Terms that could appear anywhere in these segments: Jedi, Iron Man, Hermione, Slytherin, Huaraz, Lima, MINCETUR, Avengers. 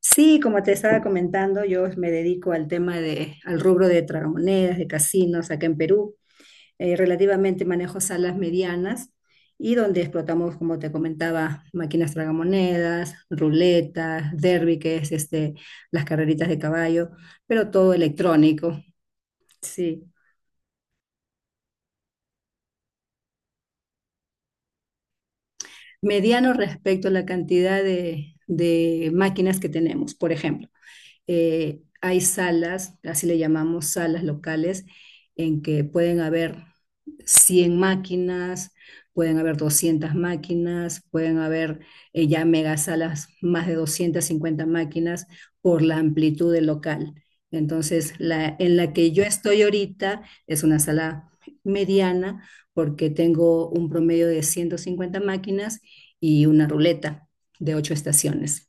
Sí, como te estaba comentando, yo me dedico al rubro de tragamonedas, de casinos acá en Perú. Relativamente manejo salas medianas y donde explotamos, como te comentaba, máquinas tragamonedas, ruletas, derby, que es este, las carreritas de caballo, pero todo electrónico. Sí. Mediano respecto a la cantidad de máquinas que tenemos, por ejemplo. Hay salas, así le llamamos salas locales, en que pueden haber 100 máquinas, pueden haber 200 máquinas, pueden haber ya megasalas, más de 250 máquinas por la amplitud del local. Entonces, en la que yo estoy ahorita es una sala mediana porque tengo un promedio de 150 máquinas y una ruleta de ocho estaciones.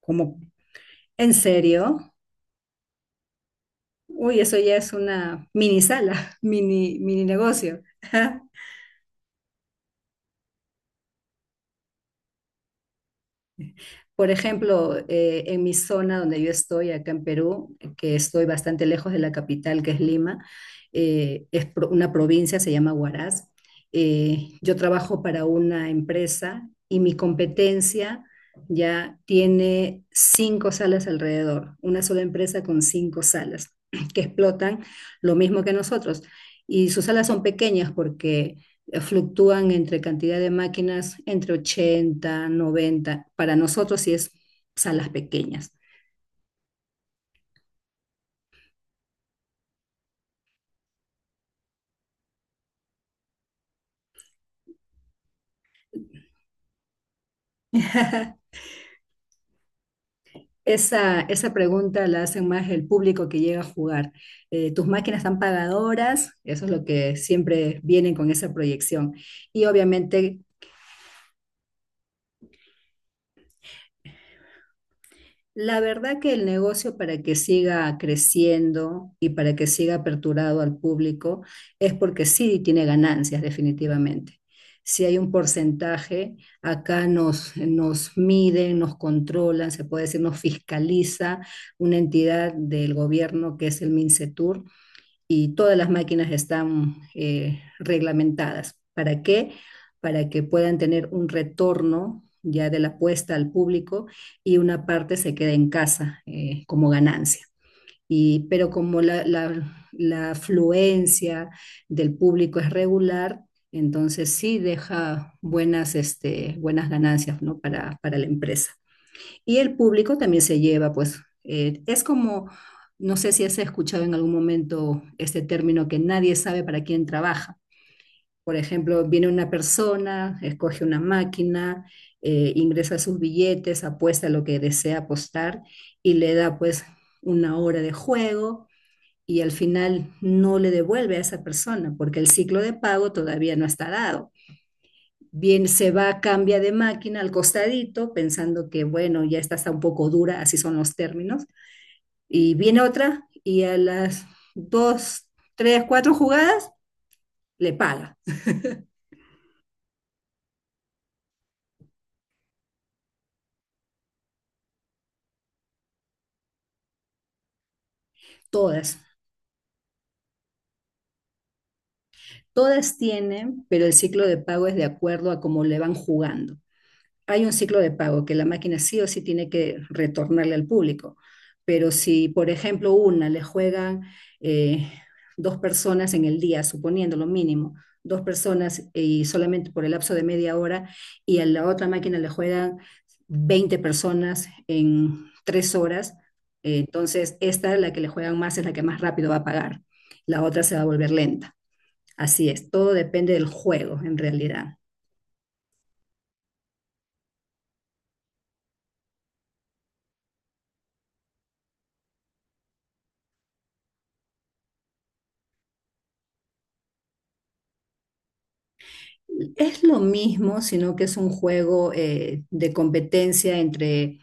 Como, ¿en serio? Uy, eso ya es una mini sala, mini, mini negocio. Por ejemplo, en mi zona donde yo estoy, acá en Perú, que estoy bastante lejos de la capital, que es Lima. Es una provincia, se llama Huaraz. Yo trabajo para una empresa y mi competencia ya tiene cinco salas alrededor, una sola empresa con cinco salas que explotan lo mismo que nosotros. Y sus salas son pequeñas porque fluctúan entre cantidad de máquinas entre 80, 90. Para nosotros sí es salas pequeñas. Esa pregunta la hacen más el público que llega a jugar. ¿Tus máquinas están pagadoras? Eso es lo que siempre vienen con esa proyección. Y, obviamente, la verdad que el negocio para que siga creciendo y para que siga aperturado al público es porque sí tiene ganancias definitivamente. Si hay un porcentaje, acá nos miden, nos controlan, se puede decir, nos fiscaliza una entidad del gobierno que es el MINCETUR y todas las máquinas están reglamentadas. ¿Para qué? Para que puedan tener un retorno ya de la apuesta al público y una parte se queda en casa como ganancia. Pero como la afluencia del público es regular, entonces sí deja buenas ganancias, ¿no? para la empresa. Y el público también se lleva, pues, es como, no sé si has escuchado en algún momento este término que nadie sabe para quién trabaja. Por ejemplo, viene una persona, escoge una máquina, ingresa sus billetes, apuesta lo que desea apostar y le da pues una hora de juego y al final no le devuelve a esa persona porque el ciclo de pago todavía no está dado. Bien, se va, cambia de máquina al costadito, pensando que, bueno, ya esta está un poco dura, así son los términos. Y viene otra y a las dos, tres, cuatro jugadas le paga. Todas. Todas tienen, pero el ciclo de pago es de acuerdo a cómo le van jugando. Hay un ciclo de pago que la máquina sí o sí tiene que retornarle al público. Pero si, por ejemplo, una le juegan eh, dos personas en el día, suponiendo lo mínimo, dos personas y solamente por el lapso de media hora, y a la otra máquina le juegan 20 personas en 3 horas, entonces esta, la que le juegan más, es la que más rápido va a pagar. La otra se va a volver lenta. Así es, todo depende del juego en realidad. Es lo mismo, sino que es un juego de competencia entre,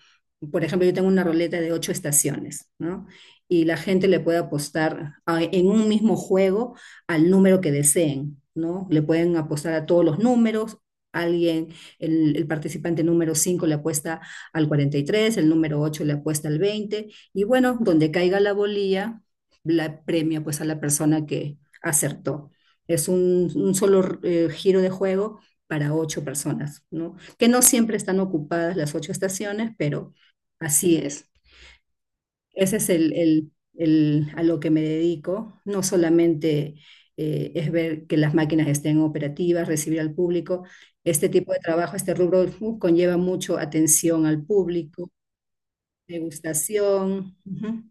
por ejemplo, yo tengo una roleta de ocho estaciones, ¿no? Y la gente le puede apostar en un mismo juego al número que deseen, ¿no? Le pueden apostar a todos los números. Alguien, el participante número 5 le apuesta al 43, el número 8 le apuesta al 20, y bueno, donde caiga la bolilla, la premia pues a la persona que acertó. Es un solo giro de juego para ocho personas, ¿no? Que no siempre están ocupadas las ocho estaciones, pero así es. Ese es a lo que me dedico. No solamente es ver que las máquinas estén operativas, recibir al público. Este tipo de trabajo, este rubro, conlleva mucho atención al público, degustación. Ujú.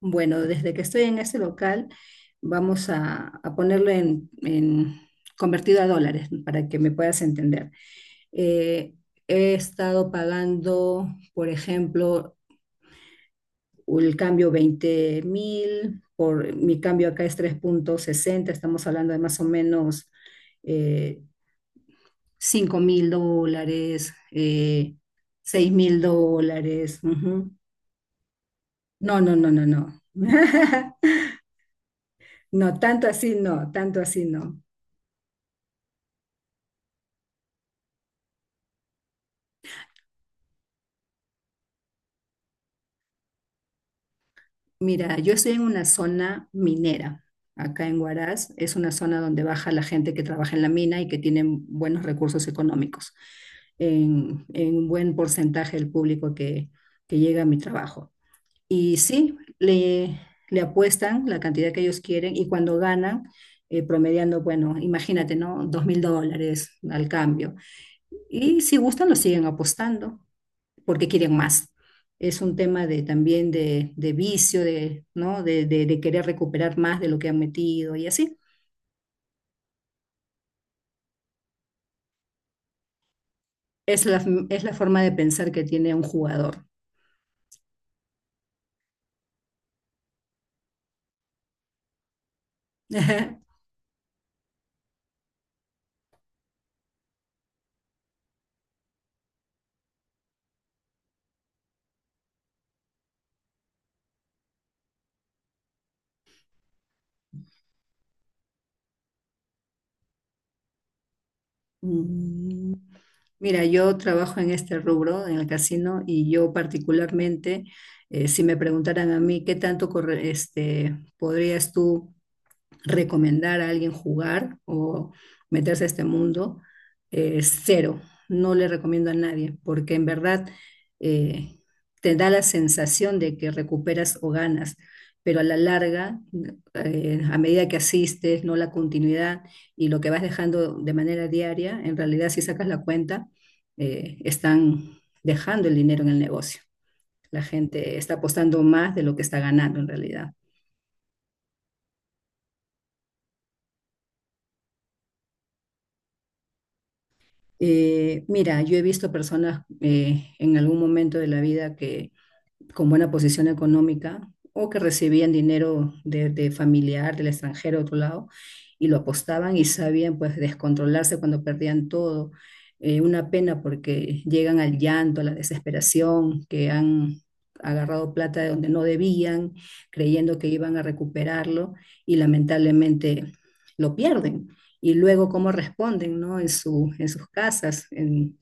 Bueno, desde que estoy en este local, vamos a ponerlo en convertido a dólares para que me puedas entender. Eh, He estado pagando, por ejemplo, el cambio 20.000, por mi cambio acá es 3,60. Estamos hablando de más o menos eh, 5 mil dólares, 6 mil dólares. Ujú. No, no, no, no, no. No, tanto así no, tanto así no. Mira, yo estoy en una zona minera, acá en Huaraz. Es una zona donde baja la gente que trabaja en la mina y que tienen buenos recursos económicos, en un buen porcentaje del público que llega a mi trabajo. Y sí, le apuestan la cantidad que ellos quieren y cuando ganan, promediando, bueno, imagínate, ¿no? $2.000 al cambio. Y si gustan, lo siguen apostando porque quieren más. Es un tema de, también de vicio, ¿no? De querer recuperar más de lo que han metido y así. Es la, es la forma de pensar que tiene un jugador. Mm, Mira, yo trabajo en este rubro, en el casino, y yo particularmente, si me preguntaran a mí qué tanto este, podrías tú recomendar a alguien jugar o meterse a este mundo, cero. No le recomiendo a nadie, porque en verdad eh, te da la sensación de que recuperas o ganas, pero a la larga, a medida que asistes, no la continuidad y lo que vas dejando de manera diaria, en realidad si sacas la cuenta, están dejando el dinero en el negocio. La gente está apostando más de lo que está ganando en realidad. Mira, yo he visto personas en algún momento de la vida que con buena posición económica o que recibían dinero de familiar, del extranjero, de otro lado, y lo apostaban y sabían pues descontrolarse cuando perdían todo. Una pena porque llegan al llanto, a la desesperación, que han agarrado plata de donde no debían, creyendo que iban a recuperarlo y lamentablemente lo pierden. Y luego cómo responden, ¿no? En sus casas, en,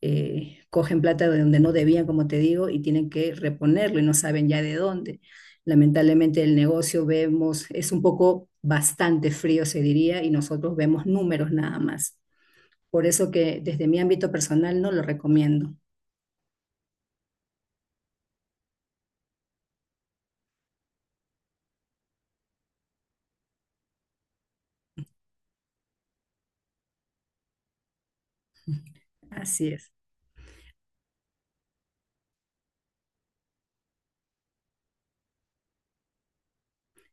eh, cogen plata de donde no debían, como te digo, y tienen que reponerlo y no saben ya de dónde. Lamentablemente el negocio vemos, es un poco bastante frío, se diría, y nosotros vemos números nada más. Por eso que desde mi ámbito personal no lo recomiendo. Así es.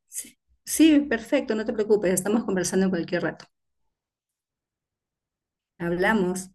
Sí, sí, perfecto, no te preocupes, estamos conversando en cualquier rato. Hablamos.